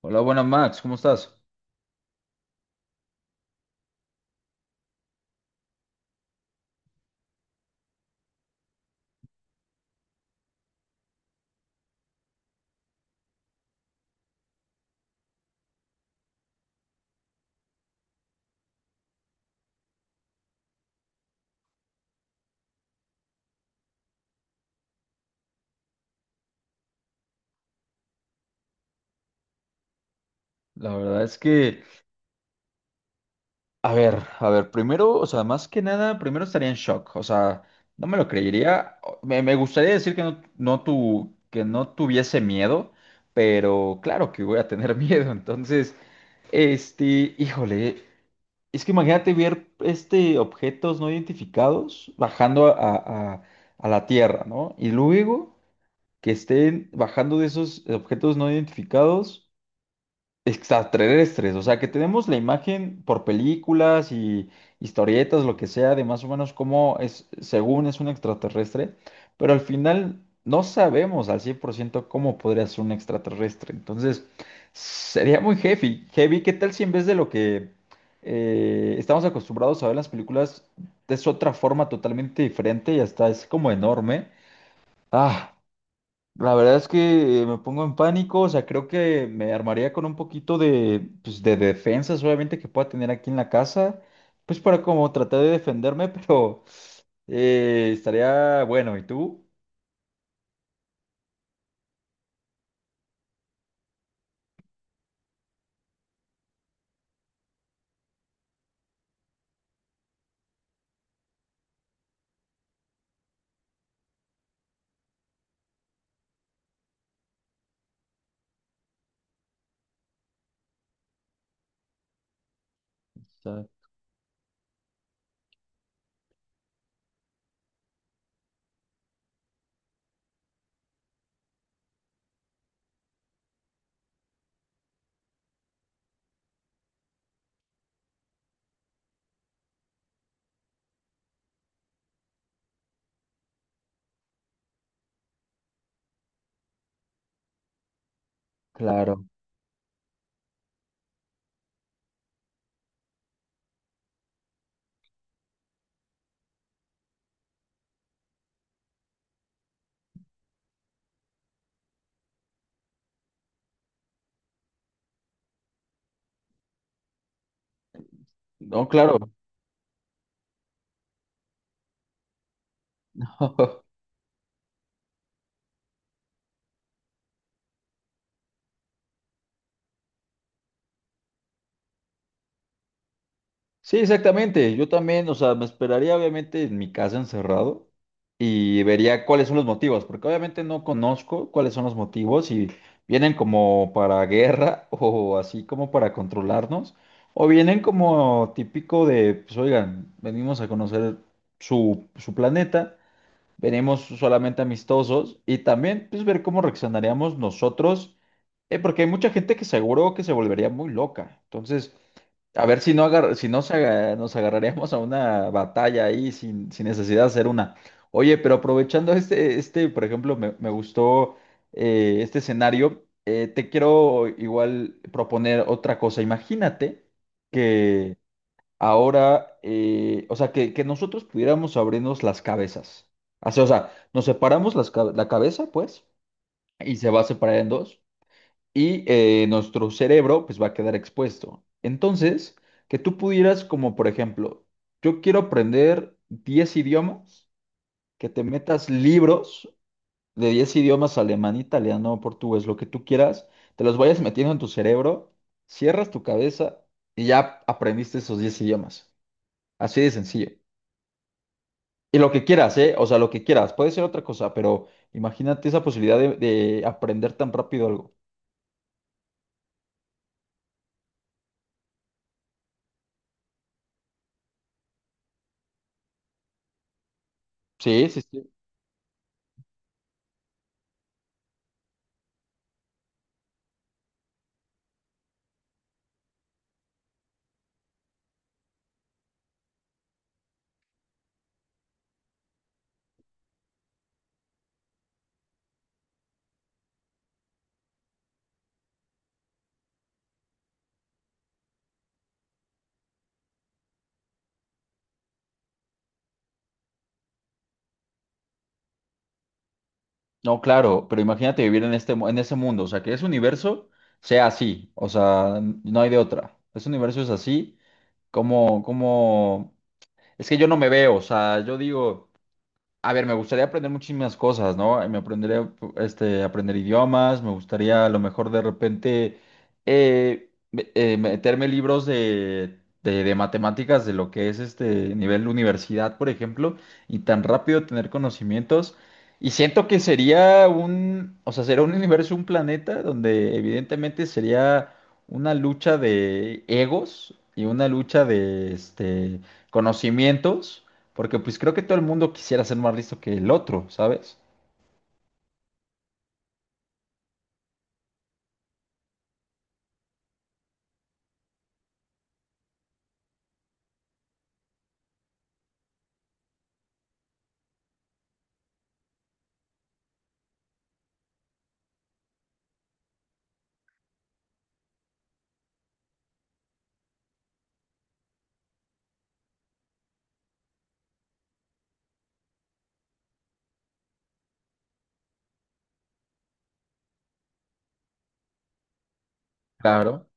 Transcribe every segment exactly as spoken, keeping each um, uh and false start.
Hola, buenas Max, ¿cómo estás? La verdad es que, a ver, a ver, primero, o sea, más que nada, primero estaría en shock, o sea, no me lo creería. O- Me, me gustaría decir que no, no tu- que no tuviese miedo, pero claro que voy a tener miedo, entonces, este, híjole, es que imagínate ver, este, objetos no identificados bajando a, a a- a la Tierra, ¿no? Y luego que estén bajando de esos objetos no identificados. Extraterrestres, o sea que tenemos la imagen por películas y historietas, lo que sea, de más o menos cómo es, según es un extraterrestre, pero al final no sabemos al cien por ciento cómo podría ser un extraterrestre. Entonces, sería muy heavy. Heavy, ¿qué tal si en vez de lo que eh, estamos acostumbrados a ver en las películas, es otra forma totalmente diferente y hasta es como enorme? Ah. La verdad es que eh, me pongo en pánico, o sea, creo que me armaría con un poquito de, pues, de defensas, obviamente, que pueda tener aquí en la casa, pues para como tratar de defenderme, pero eh, estaría bueno, ¿y tú? O sea, claro, no, claro. Sí, exactamente. Yo también, o sea, me esperaría obviamente en mi casa encerrado y vería cuáles son los motivos, porque obviamente no conozco cuáles son los motivos y vienen como para guerra o así como para controlarnos, o vienen como típico de, pues oigan, venimos a conocer su, su planeta, venimos solamente amistosos y también pues ver cómo reaccionaríamos nosotros, eh, porque hay mucha gente que seguro que se volvería muy loca. Entonces... A ver si no, agar- si no se aga- nos agarraríamos a una batalla ahí sin, sin necesidad de hacer una. Oye, pero aprovechando este, este, por ejemplo, me, me gustó eh, este escenario, eh, te quiero igual proponer otra cosa. Imagínate que ahora, eh, o sea, que, que nosotros pudiéramos abrirnos las cabezas. Así, o sea, nos separamos las ca- la cabeza, pues, y se va a separar en dos y eh, nuestro cerebro pues va a quedar expuesto. Entonces, que tú pudieras como por ejemplo, yo quiero aprender diez idiomas, que te metas libros de diez idiomas, alemán, italiano, portugués, lo que tú quieras, te los vayas metiendo en tu cerebro, cierras tu cabeza y ya aprendiste esos diez idiomas. Así de sencillo. Y lo que quieras, ¿eh? O sea, lo que quieras. Puede ser otra cosa, pero imagínate esa posibilidad de, de aprender tan rápido algo. Sí, sí, sí. No, claro, pero imagínate vivir en este, mu- en ese mundo, o sea, que ese universo sea así, o sea, n- no hay de otra. Ese universo es así, como, como, es que yo no me veo, o sea, yo digo. A ver, me gustaría aprender muchísimas cosas, ¿no? Me aprendería, este, aprender idiomas, me gustaría a lo mejor de repente eh, me- eh, meterme libros de, de, de matemáticas de lo que es este nivel universidad, por ejemplo, y tan rápido tener conocimientos. Y siento que sería un, o sea, sería un universo, un planeta donde evidentemente sería una lucha de egos y una lucha de este, conocimientos. Porque pues creo que todo el mundo quisiera ser más listo que el otro, ¿sabes? Claro.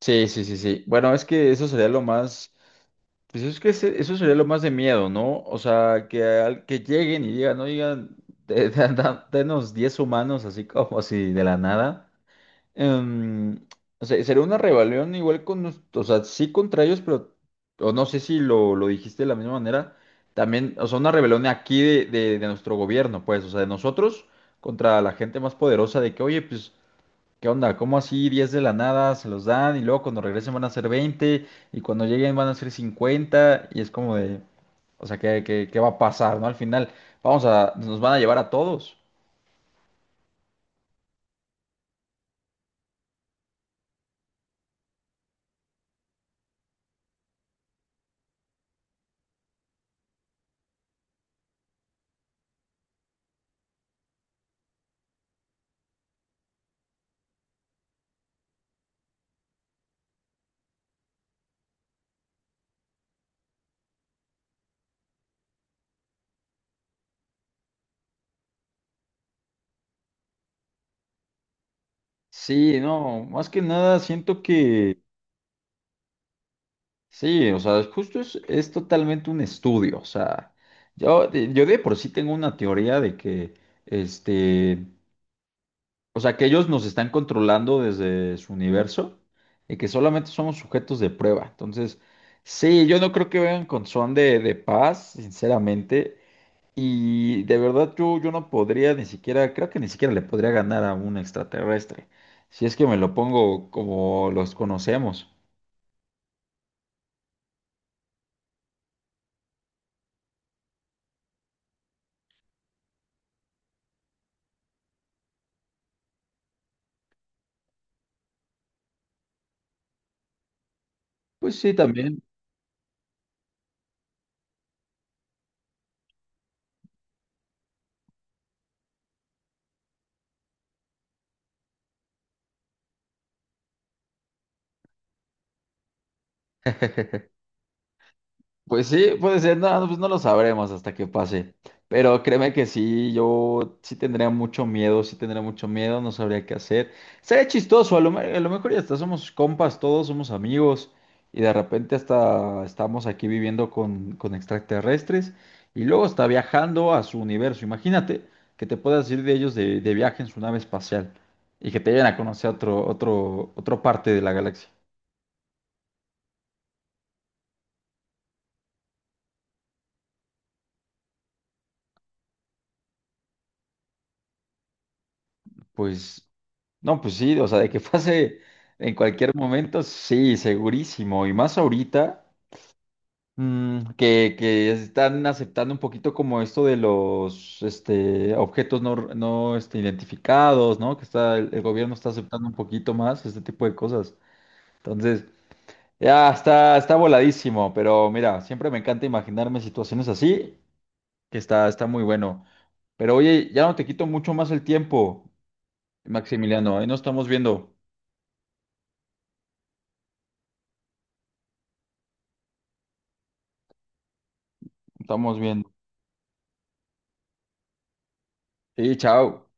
Sí, sí, sí, sí. Bueno, es que eso sería lo más... Pues es que ese- eso sería lo más de miedo, ¿no? O sea, que, al- que lleguen y digan, oigan, de- de- da- denos diez humanos así como así de la nada. em, o sea, sería una rebelión igual con, nos- o sea, sí contra ellos, pero, o no sé si lo, lo dijiste de la misma manera, también, o sea, una rebelión aquí de, de, de nuestro gobierno, pues, o sea, de nosotros contra la gente más poderosa de que, oye, pues, ¿qué onda? ¿Cómo así diez de la nada se los dan y luego cuando regresen van a ser veinte y cuando lleguen van a ser cincuenta y es como de, o sea, ¿qué, qué, qué va a pasar, ¿no? Al final, vamos a, nos van a llevar a todos. Sí, no, más que nada siento que sí, o sea, justo es, es totalmente un estudio. O sea, yo, de- yo de por sí tengo una teoría de que, este, o sea, que ellos nos están controlando desde su universo y que solamente somos sujetos de prueba. Entonces, sí, yo no creo que vengan con son de, de paz, sinceramente. Y de verdad yo, yo no podría ni siquiera, creo que ni siquiera le podría ganar a un extraterrestre, si es que me lo pongo como los conocemos. Pues sí, también. Pues sí, puede ser, no, no, pues no lo sabremos hasta que pase. Pero créeme que sí, yo sí tendría mucho miedo, sí tendría mucho miedo, no sabría qué hacer. Sería chistoso, a lo, me- a lo mejor ya hasta somos compas todos, somos amigos, y de repente hasta estamos aquí viviendo con, con, extraterrestres, y luego está viajando a su universo. Imagínate que te puedas ir de ellos de, de viaje en su nave espacial y que te vayan a conocer a otro, otro, otra parte de la galaxia. Pues, no, pues sí, o sea, de que pase en cualquier momento, sí, segurísimo. Y más ahorita, mm, que, que están aceptando un poquito como esto de los este, objetos no, no este, identificados, ¿no? Que está, el, el gobierno está aceptando un poquito más este tipo de cosas. Entonces, ya está, está voladísimo, pero mira, siempre me encanta imaginarme situaciones así, que está, está muy bueno. Pero oye, ya no te quito mucho más el tiempo, Maximiliano, ahí nos estamos viendo. Estamos viendo. Sí, chao.